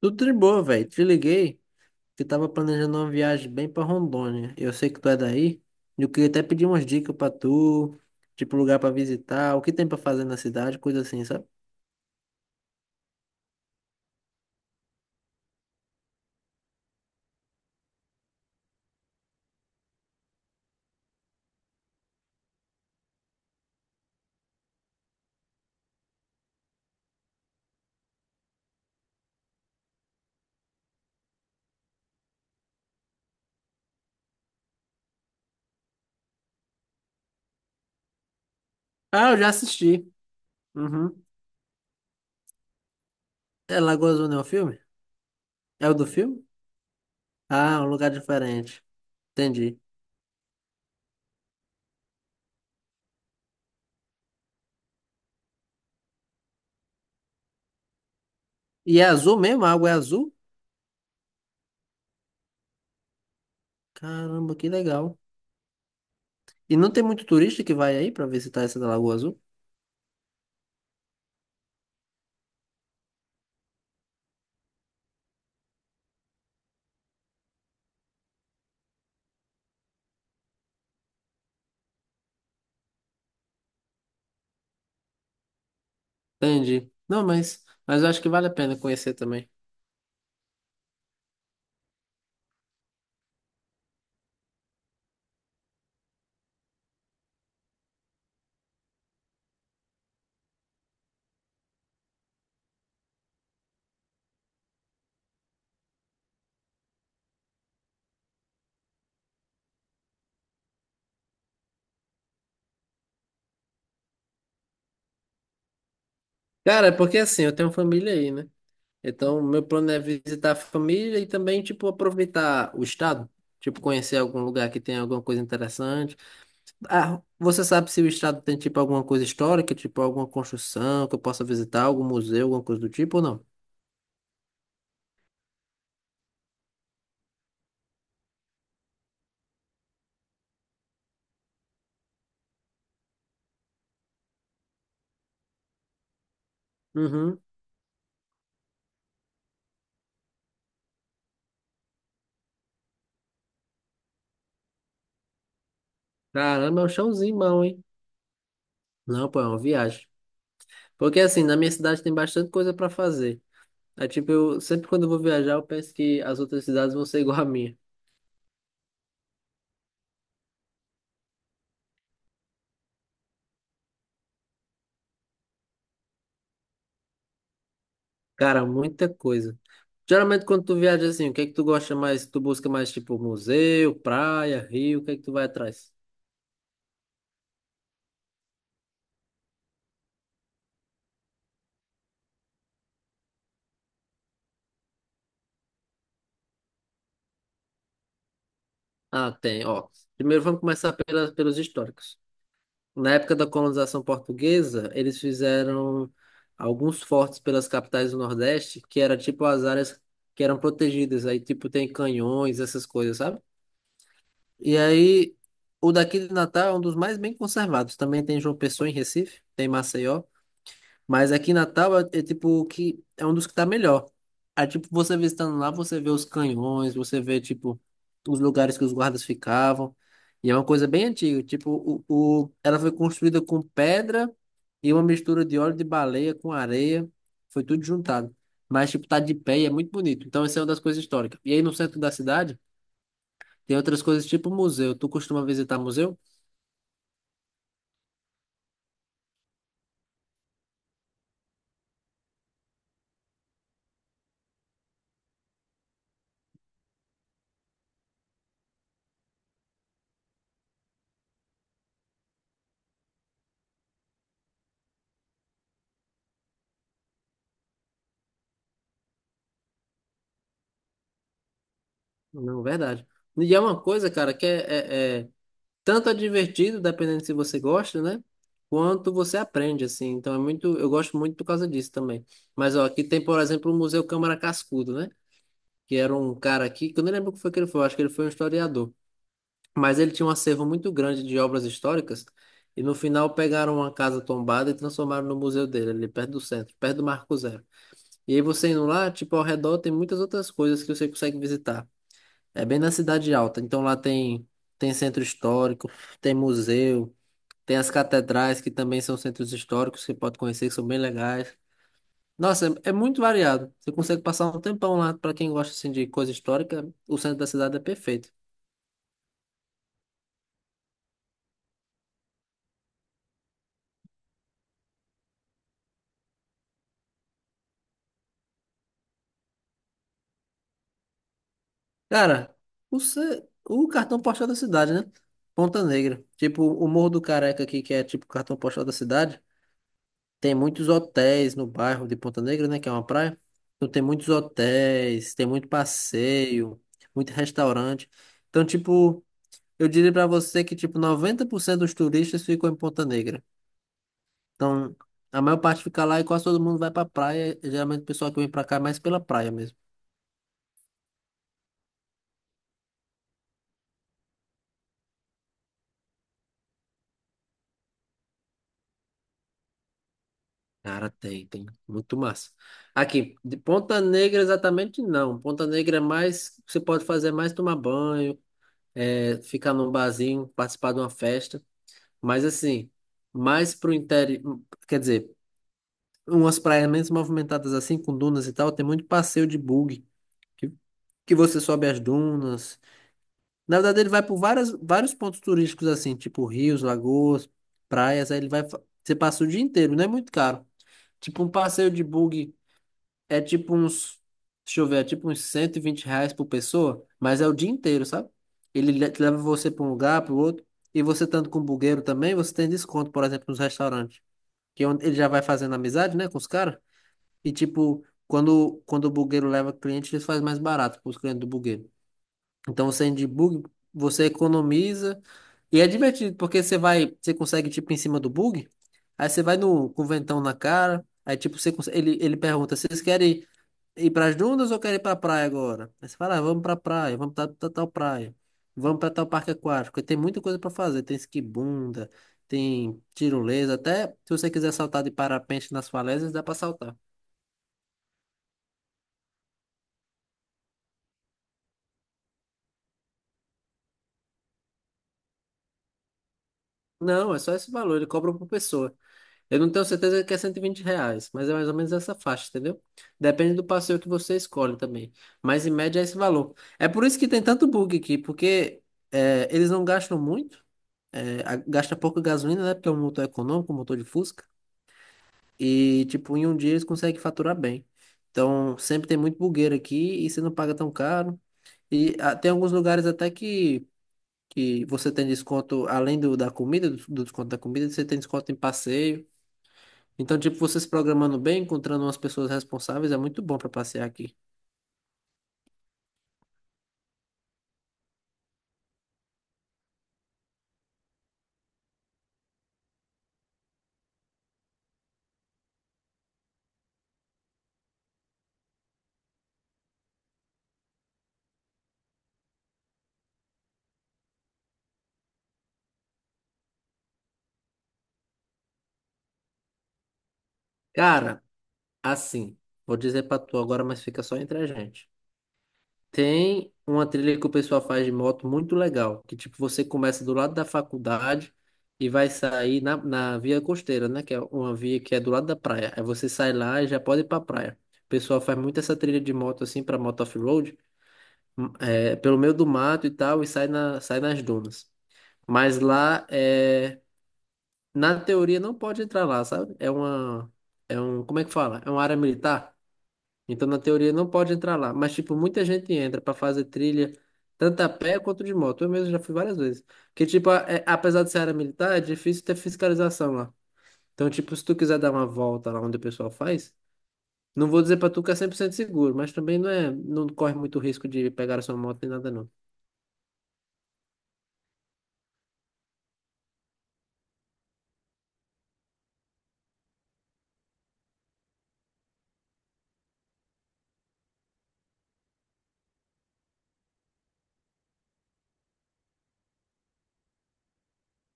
Tudo de boa, velho. Te liguei que tava planejando uma viagem bem pra Rondônia. Eu sei que tu é daí. E eu queria até pedir umas dicas pra tu, tipo lugar pra visitar, o que tem pra fazer na cidade, coisa assim, sabe? Ah, eu já assisti. Uhum. É Lagoa Azul não é o filme? É o do filme? Ah, é um lugar diferente. Entendi. E é azul mesmo? A água é azul? Caramba, que legal. E não tem muito turista que vai aí pra visitar essa da Lagoa Azul? Entendi. Não, mas eu acho que vale a pena conhecer também. Cara, é porque assim, eu tenho família aí, né? Então, meu plano é visitar a família e também, tipo, aproveitar o estado. Tipo, conhecer algum lugar que tem alguma coisa interessante. Ah, você sabe se o estado tem, tipo, alguma coisa histórica, tipo, alguma construção que eu possa visitar, algum museu, alguma coisa do tipo ou não? Uhum. Caramba, é um chãozinho bom, hein? Não, pô, é uma viagem. Porque, assim, na minha cidade tem bastante coisa pra fazer. É tipo, eu sempre quando eu vou viajar, eu penso que as outras cidades vão ser igual a minha. Cara, muita coisa. Geralmente quando tu viaja assim, o que é que tu gosta mais? Tu busca mais tipo museu, praia, rio, o que é que tu vai atrás? Ah, tem, ó. Primeiro vamos começar pelos históricos. Na época da colonização portuguesa, eles fizeram alguns fortes pelas capitais do Nordeste, que era tipo as áreas que eram protegidas. Aí tipo tem canhões, essas coisas, sabe? E aí, o daqui de Natal é um dos mais bem conservados. Também tem João Pessoa em Recife, tem Maceió. Mas aqui em Natal é tipo que é um dos que tá melhor. Aí, tipo, você visitando lá, você vê os canhões, você vê, tipo, os lugares que os guardas ficavam. E é uma coisa bem antiga. Tipo, ela foi construída com pedra e uma mistura de óleo de baleia com areia. Foi tudo juntado. Mas, tipo, tá de pé e é muito bonito. Então, essa é uma das coisas históricas. E aí, no centro da cidade, tem outras coisas tipo museu. Tu costuma visitar museu? Não, verdade. E é uma coisa, cara, que é, é- é- tanto é divertido, dependendo se você gosta, né? Quanto você aprende, assim. Então é muito, eu gosto muito por causa disso também. Mas ó, aqui tem, por exemplo, o Museu Câmara Cascudo, né? Que era um cara aqui, que eu nem lembro o que foi que ele foi, eu acho que ele foi um historiador. Mas ele tinha um acervo muito grande de obras históricas, e no final pegaram uma casa tombada e transformaram no museu dele, ali perto do centro, perto do Marco Zero. E aí você indo lá, tipo, ao redor tem muitas outras coisas que você consegue visitar. É bem na Cidade Alta, então lá tem, tem centro histórico, tem museu. Tem as catedrais, que também são centros históricos, que pode conhecer, que são bem legais. Nossa, é muito variado. Você consegue passar um tempão lá. Pra quem gosta assim, de coisa histórica, o centro da cidade é perfeito. Cara, o cartão postal da cidade, né? Ponta Negra. Tipo, o Morro do Careca aqui, que é tipo o cartão postal da cidade. Tem muitos hotéis no bairro de Ponta Negra, né? Que é uma praia. Então tem muitos hotéis, tem muito passeio, muito restaurante. Então, tipo. Eu diria pra você que, tipo, 90% dos turistas ficam em Ponta Negra. Então, a maior parte fica lá e quase todo mundo vai pra praia. Geralmente o pessoal que vem pra cá é mais pela praia mesmo. Cara, tem, tem. Muito massa. Aqui, de Ponta Negra exatamente não. Ponta Negra é mais, você pode fazer mais tomar banho, ficar num barzinho, participar de uma festa. Mas assim, mais pro interior, quer dizer, umas praias menos movimentadas assim, com dunas e tal, tem muito passeio de bug. que que você sobe as dunas. Na verdade, ele vai por vários pontos turísticos, assim, tipo rios, lagoas, praias. Aí ele vai. Você passa o dia inteiro, não é muito caro. Tipo, um passeio de bug é tipo uns. Deixa eu ver, é tipo uns R$ 120 por pessoa, mas é o dia inteiro, sabe? Ele leva você para um lugar, para o outro. E você estando com o bugueiro também, você tem desconto, por exemplo, nos restaurantes. Que é onde ele já vai fazendo amizade, né, com os caras. E tipo, quando o bugueiro leva cliente, ele faz mais barato para os clientes do bugueiro. Então, você de bug, você economiza. E é divertido, porque você vai, você consegue, tipo, em cima do bug, aí você vai no, com o ventão na cara, aí, tipo, você consegue, ele pergunta, vocês querem ir para as dunas ou querem ir para a praia agora? Aí você fala, ah, vamos para a praia, vamos para tal praia, vamos para tal parque aquático, porque tem muita coisa para fazer, tem esquibunda, tem tirolesa, até se você quiser saltar de parapente nas falésias, dá para saltar. Não, é só esse valor, ele cobra por pessoa. Eu não tenho certeza que é R$ 120, mas é mais ou menos essa faixa, entendeu? Depende do passeio que você escolhe também. Mas em média é esse valor. É por isso que tem tanto bug aqui, porque é, eles não gastam muito, gasta pouca gasolina, né? Porque é um motor econômico, um motor de Fusca. E, tipo, em um dia eles conseguem faturar bem. Então, sempre tem muito bugueiro aqui e você não paga tão caro. E ah, tem alguns lugares até que você tem desconto, da comida, do desconto da comida, você tem desconto em passeio. Então, tipo, você se programando bem, encontrando umas pessoas responsáveis, é muito bom pra passear aqui. Cara, assim, vou dizer pra tu agora, mas fica só entre a gente. Tem uma trilha que o pessoal faz de moto muito legal, que tipo, você começa do lado da faculdade e vai sair na via costeira, né? Que é uma via que é do lado da praia. Aí você sai lá e já pode ir pra praia. O pessoal faz muito essa trilha de moto assim pra moto off-road, é, pelo meio do mato e tal, e sai nas dunas. Mas lá é. Na teoria não pode entrar lá, sabe? Como é que fala? É uma área militar. Então na teoria não pode entrar lá, mas tipo muita gente entra pra fazer trilha tanto a pé quanto de moto. Eu mesmo já fui várias vezes. Porque tipo, apesar de ser área militar, é difícil ter fiscalização lá. Então tipo, se tu quiser dar uma volta lá onde o pessoal faz, não vou dizer pra tu que é 100% seguro, mas também não é, não corre muito risco de pegar a sua moto nem nada não.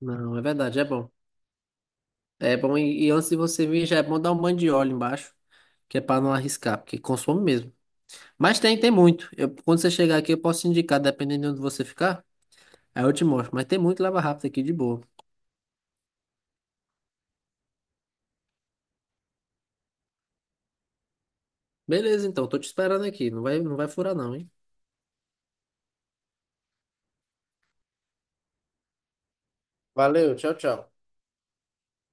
Não, é verdade, é bom. É bom, e antes de você vir, já é bom dar um banho de óleo embaixo, que é pra não arriscar, porque consome mesmo. Mas tem, tem muito. Eu, quando você chegar aqui, eu posso te indicar, dependendo de onde você ficar. Aí eu te mostro. Mas tem muito lava rápido aqui, de boa. Beleza, então, tô te esperando aqui. Não vai furar, não, hein? Valeu, tchau, tchau.